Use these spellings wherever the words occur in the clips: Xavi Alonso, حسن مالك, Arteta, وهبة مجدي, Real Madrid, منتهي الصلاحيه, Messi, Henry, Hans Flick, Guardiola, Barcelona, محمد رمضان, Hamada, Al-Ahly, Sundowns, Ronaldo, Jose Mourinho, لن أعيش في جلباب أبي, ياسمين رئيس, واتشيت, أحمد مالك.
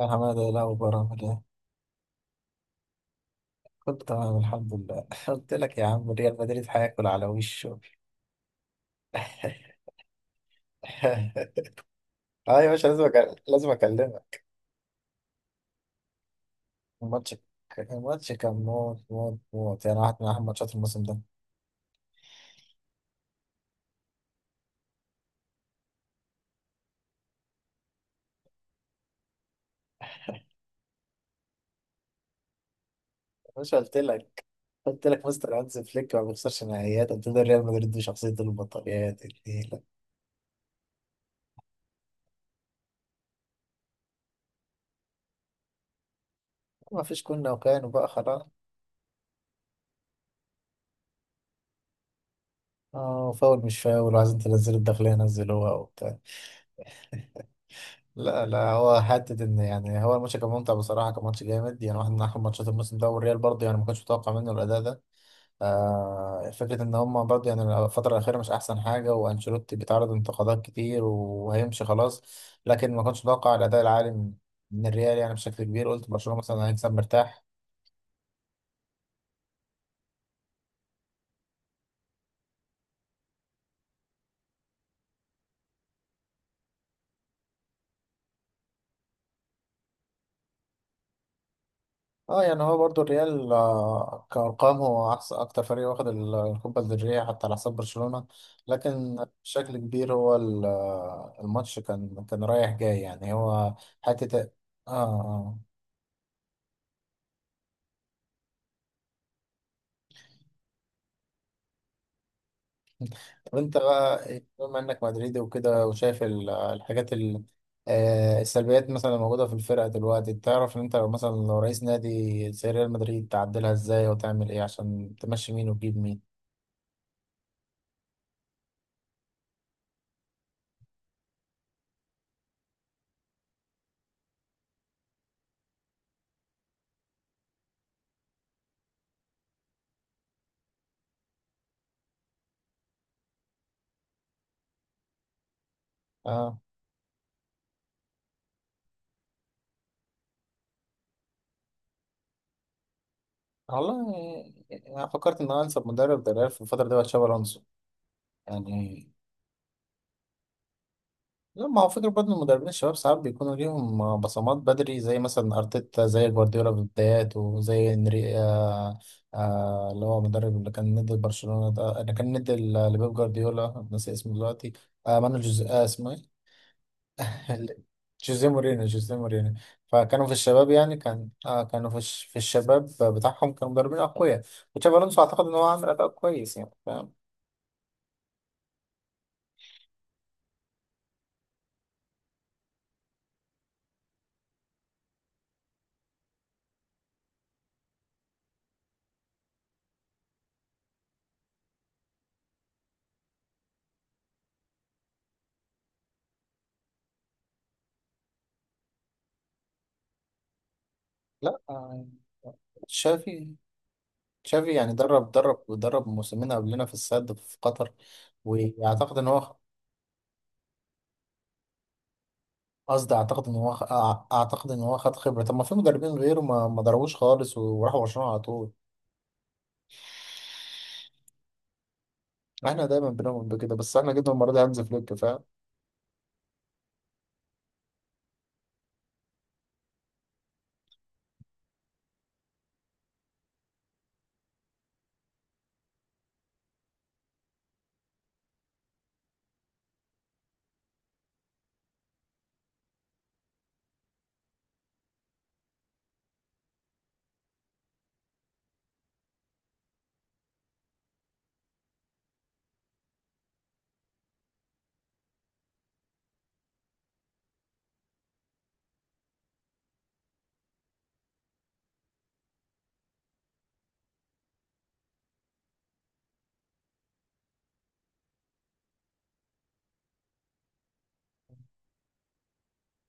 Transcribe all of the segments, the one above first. يا حمادة إيه الأخبار عامل إيه؟ كنت تمام الحمد لله قلت لك يا عم ريال مدريد هياكل على وشه. أه يا باشا لازم أكلمك. الماتش الماتش كان موت موت موت، يعني واحد من أهم ماتشات الموسم ده. يا باشا قلت لك مستر هانز فليك ما بيخسرش نهائيات، قلت له ريال مدريد دي شخصية البطاريات النيلة. ما فيش كنا وكانوا بقى خلاص. اه فاول مش فاول وعايزين تنزلوا الداخلية نزلوها وبتاع. لا لا، هو حتة إن هو الماتش كان ممتع بصراحة، كان ماتش جامد، يعني واحد من أحلى ماتشات الموسم ده. والريال برضه يعني ما كنتش متوقع منه الأداء ده. آه فكرة إن هما برضه يعني الفترة الأخيرة مش أحسن حاجة، وأنشيلوتي بيتعرض لانتقادات كتير وهيمشي خلاص. لكن ما كنتش متوقع الأداء العالي من الريال، يعني بشكل كبير قلت برشلونة مثلا هيكسب مرتاح. اه يعني هو برضو الريال، كأرقام هو أحسن أكتر فريق واخد الكوبا الذرية حتى على حساب برشلونة. لكن بشكل كبير هو الماتش كان رايح جاي، يعني هو حتة اه اه. طب انت بقى إيه، بما انك مدريدي وكده وشايف الحاجات السلبيات مثلا الموجودة في الفرقة دلوقتي، تعرف ان انت لو مثلا لو رئيس نادي زي ريال مدريد تعدلها ازاي وتعمل ايه عشان تمشي مين وتجيب مين. اه والله، يعني انا فكرت ان انا انسب مدرب ده ريال في الفتره دي هو تشابي الونسو. يعني لما هو فكره برضه المدربين الشباب ساعات بيكونوا ليهم بصمات بدري، زي مثلا ارتيتا، زي جوارديولا في بداياته، زي انري آه، آه اللي هو المدرب اللي كان ندي برشلونه ده، اللي كان ندي لبيب جوارديولا، ناسي اسمه دلوقتي. آه مانو جوز آه اسمه ايه. جوزيه جوزيه مورينو. فكانوا في الشباب، يعني كان آه كانوا في الشباب بتاعهم كانوا مدربين اقوياء. وتشابي الونسو اعتقد ان هو عامل اداء كويس، يعني فاهم. لا آه، تشافي، تشافي يعني درب درب ودرب موسمين قبلنا في السد في قطر. واعتقد ان هو قصدي اعتقد ان هو أع- اعتقد ان هو خد خبره، طب ما في مدربين غيره ما ضربوش خالص وراحوا برشلونه على طول. احنا دايما بنؤمن بكده، بس احنا جبنا المره دي هانز فليك فاهم.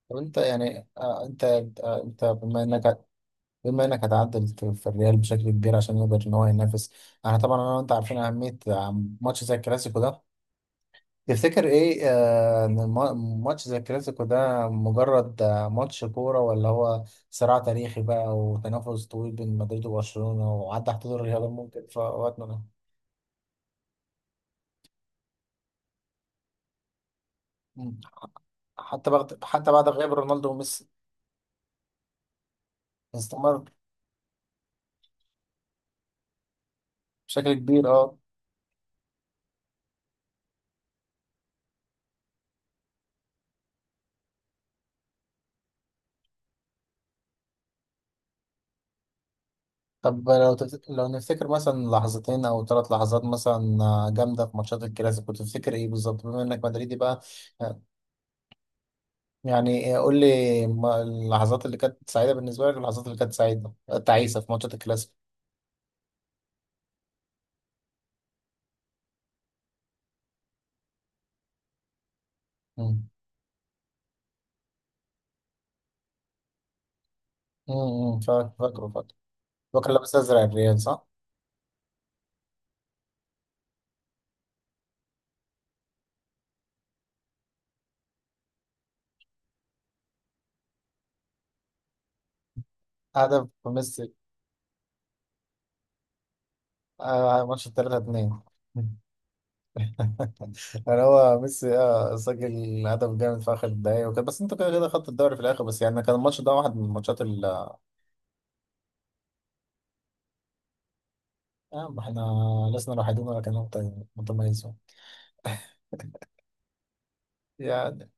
طب انت يعني آه، انت بما انك هتعدل في الريال بشكل كبير عشان يقدر ان هو ينافس. انا طبعا انا وانت عارفين اهميه آه، ماتش زي الكلاسيكو ده. تفتكر ايه آه، ان ماتش زي الكلاسيكو ده مجرد آه، ماتش كورة، ولا هو صراع تاريخي بقى وتنافس طويل بين مدريد وبرشلونة وعدى حدود الرياضة ممكن في وقتنا ده. مم. حتى بعد غياب رونالدو وميسي استمر بشكل كبير اه. طب لو تفت... لو نفتكر مثلا لحظتين او ثلاث لحظات مثلا آه، جامدة في ماتشات الكلاسيكو، تفتكر ايه بالظبط بما انك مدريدي بقى؟ يعني قول لي ما- اللحظات اللي كانت سعيدة تعيسة في ماتشات الكلاسيكو. امم. امم، فاكر. فاكر لابس ازرق الريال صح؟ هدف ميسي آه، ماتش 3-2. يعني هو ميسي اه سجل هدف جامد في اخر الدقايق وكده، بس انتوا كده كده خدتوا الدوري في الاخر، بس يعني كان الماتش ده واحد من الماتشات آه، ما احنا لسنا الوحيدين ولا كان متميزون يعني.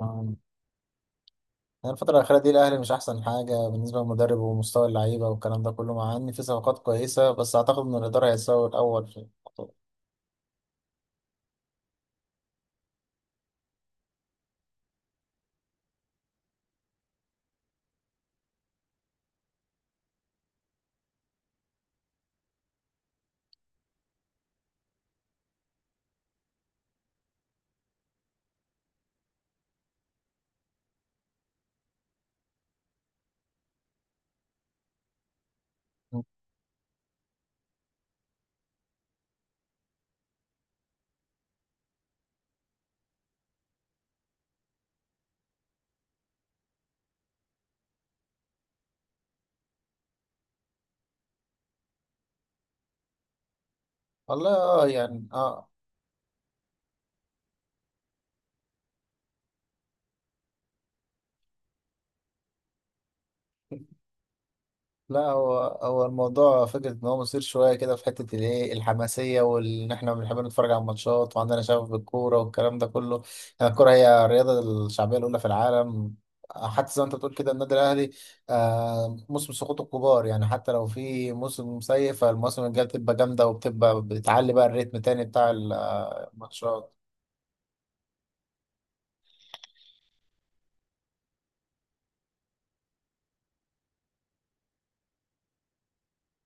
آه. يعني الفترة الأخيرة دي الأهلي مش أحسن حاجة بالنسبة للمدرب ومستوى اللعيبة والكلام ده كله، مع إن في صفقات كويسة، بس أعتقد إن الإدارة هيساوي الأول في الموضوع. والله آه يعني آه. لا، هو هو الموضوع فكرة إن هو مثير شوية كده في حتة الإيه الحماسية، وإن إحنا بنحب نتفرج على الماتشات وعندنا شغف بالكورة والكلام ده كله، يعني الكورة هي الرياضة الشعبية الأولى في العالم، حتى زي ما أنت بتقول كده النادي الأهلي آه موسم سقوط الكبار، يعني حتى لو في موسم سيء فالموسم الجاي بتبقى جامدة وبتبقى بتعلي بقى الريتم تاني بتاع آه، الماتشات،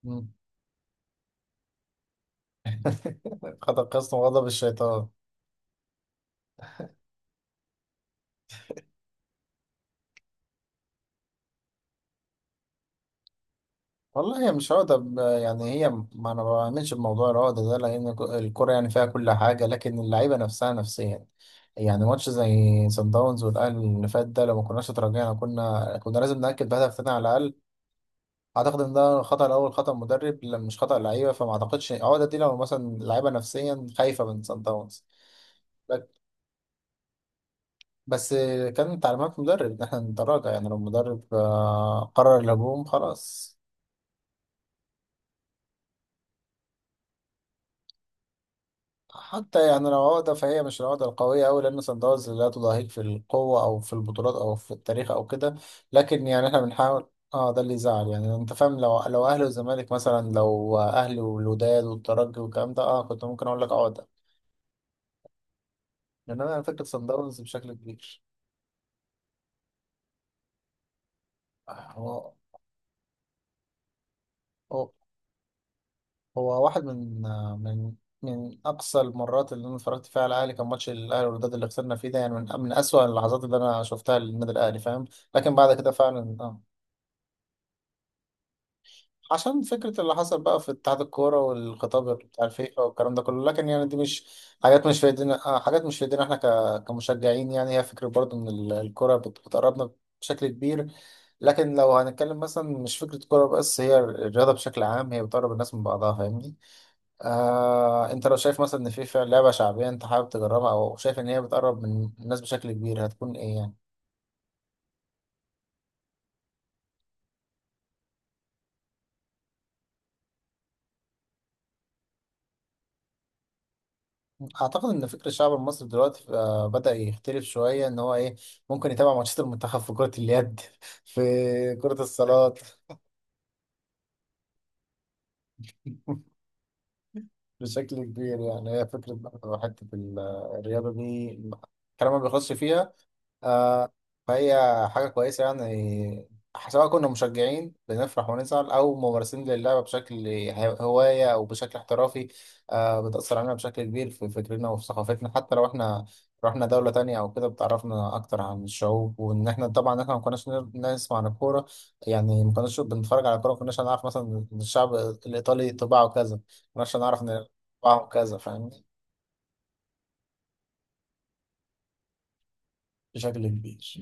مم. خد القسم وغضب الشيطان. والله هي مش عقدة يعني هي ما بعملش بموضوع العقدة ده لأن الكرة يعني فيها كل حاجة لكن اللعيبة نفسها نفسيا، يعني ماتش زي سان داونز والأهلي اللي فات ده، لو ما كناش اتراجعنا كنا لازم نأكد بهدف تاني على الأقل. أعتقد إن ده خطأ الأول، خطأ مدرب مش خطأ لعيبة، فما أعتقدش العقدة دي لو مثلا اللعيبة نفسيا خايفة من سان داونز. لك- بس كان تعليمات مدرب إن إحنا نتراجع، يعني لو المدرب آه، قرر الهجوم خلاص. حتى يعني لو عقدة فهي مش العقدة القوية أوي، لأن صن داونز لا تضاهيك في القوة أو في البطولات أو في التاريخ أو كده. لكن يعني إحنا بنحاول اه، ده اللي يزعل، يعني انت فاهم لو اهلي والزمالك مثلا، لو اهلي والوداد والترجي والكلام ده اه كنت ممكن اقول لك عقده. انما انا فكره صن داونز بشكل كبير. آه، هو هو واحد من من اقصى المرات اللي انا اتفرجت فيها على الاهلي، كان ماتش الاهلي والوداد اللي خسرنا فيه ده، يعني من من اسوأ اللحظات اللي انا شفتها للنادي الاهلي فاهم. لكن بعد كده فعلا اه، عشان فكرة اللي حصل بقى في اتحاد الكورة والخطاب بتاع الفيفا والكلام ده كله، لكن يعني دي مش حاجات مش في ايدينا، آه، حاجات مش في ايدينا احنا كمشجعين، يعني هي فكرة برضو ان الكورة بتقربنا بشكل كبير. لكن لو هنتكلم مثلا مش فكرة كورة بس، هي الرياضة بشكل عام هي بتقرب الناس من بعضها فاهمني. آه انت لو شايف مثلا ان في فعلا لعبة شعبية انت حابب تجربها او شايف ان هي بتقرب من الناس بشكل كبير هتكون ايه يعني؟ اعتقد ان فكر الشعب المصري دلوقتي آه، بدأ يختلف شويه ان هو ايه، ممكن يتابع ماتشات المنتخب في كره اليد، في كره الصالات بشكل كبير. يعني هي فكره برضه حته الرياضه دي الكلام ما بيخلصش فيها آه، فهي حاجة كويسة يعني، سواء كنا مشجعين بنفرح ونزعل أو ممارسين للعبة بشكل هواية أو بشكل احترافي، آه بتأثر علينا بشكل كبير في فكرنا وفي ثقافتنا، حتى لو احنا رحنا دولة تانية أو كده بتعرفنا أكتر عن الشعوب. وإن احنا طبعا احنا ما كناش نسمع عن الكورة، يعني ما كناش بنتفرج على الكورة، ما كناش هنعرف مثلا إن الشعب الإيطالي طباعه كذا، ما كناش هنعرف إن طباعه كذا فاهمني، بشكل كبير.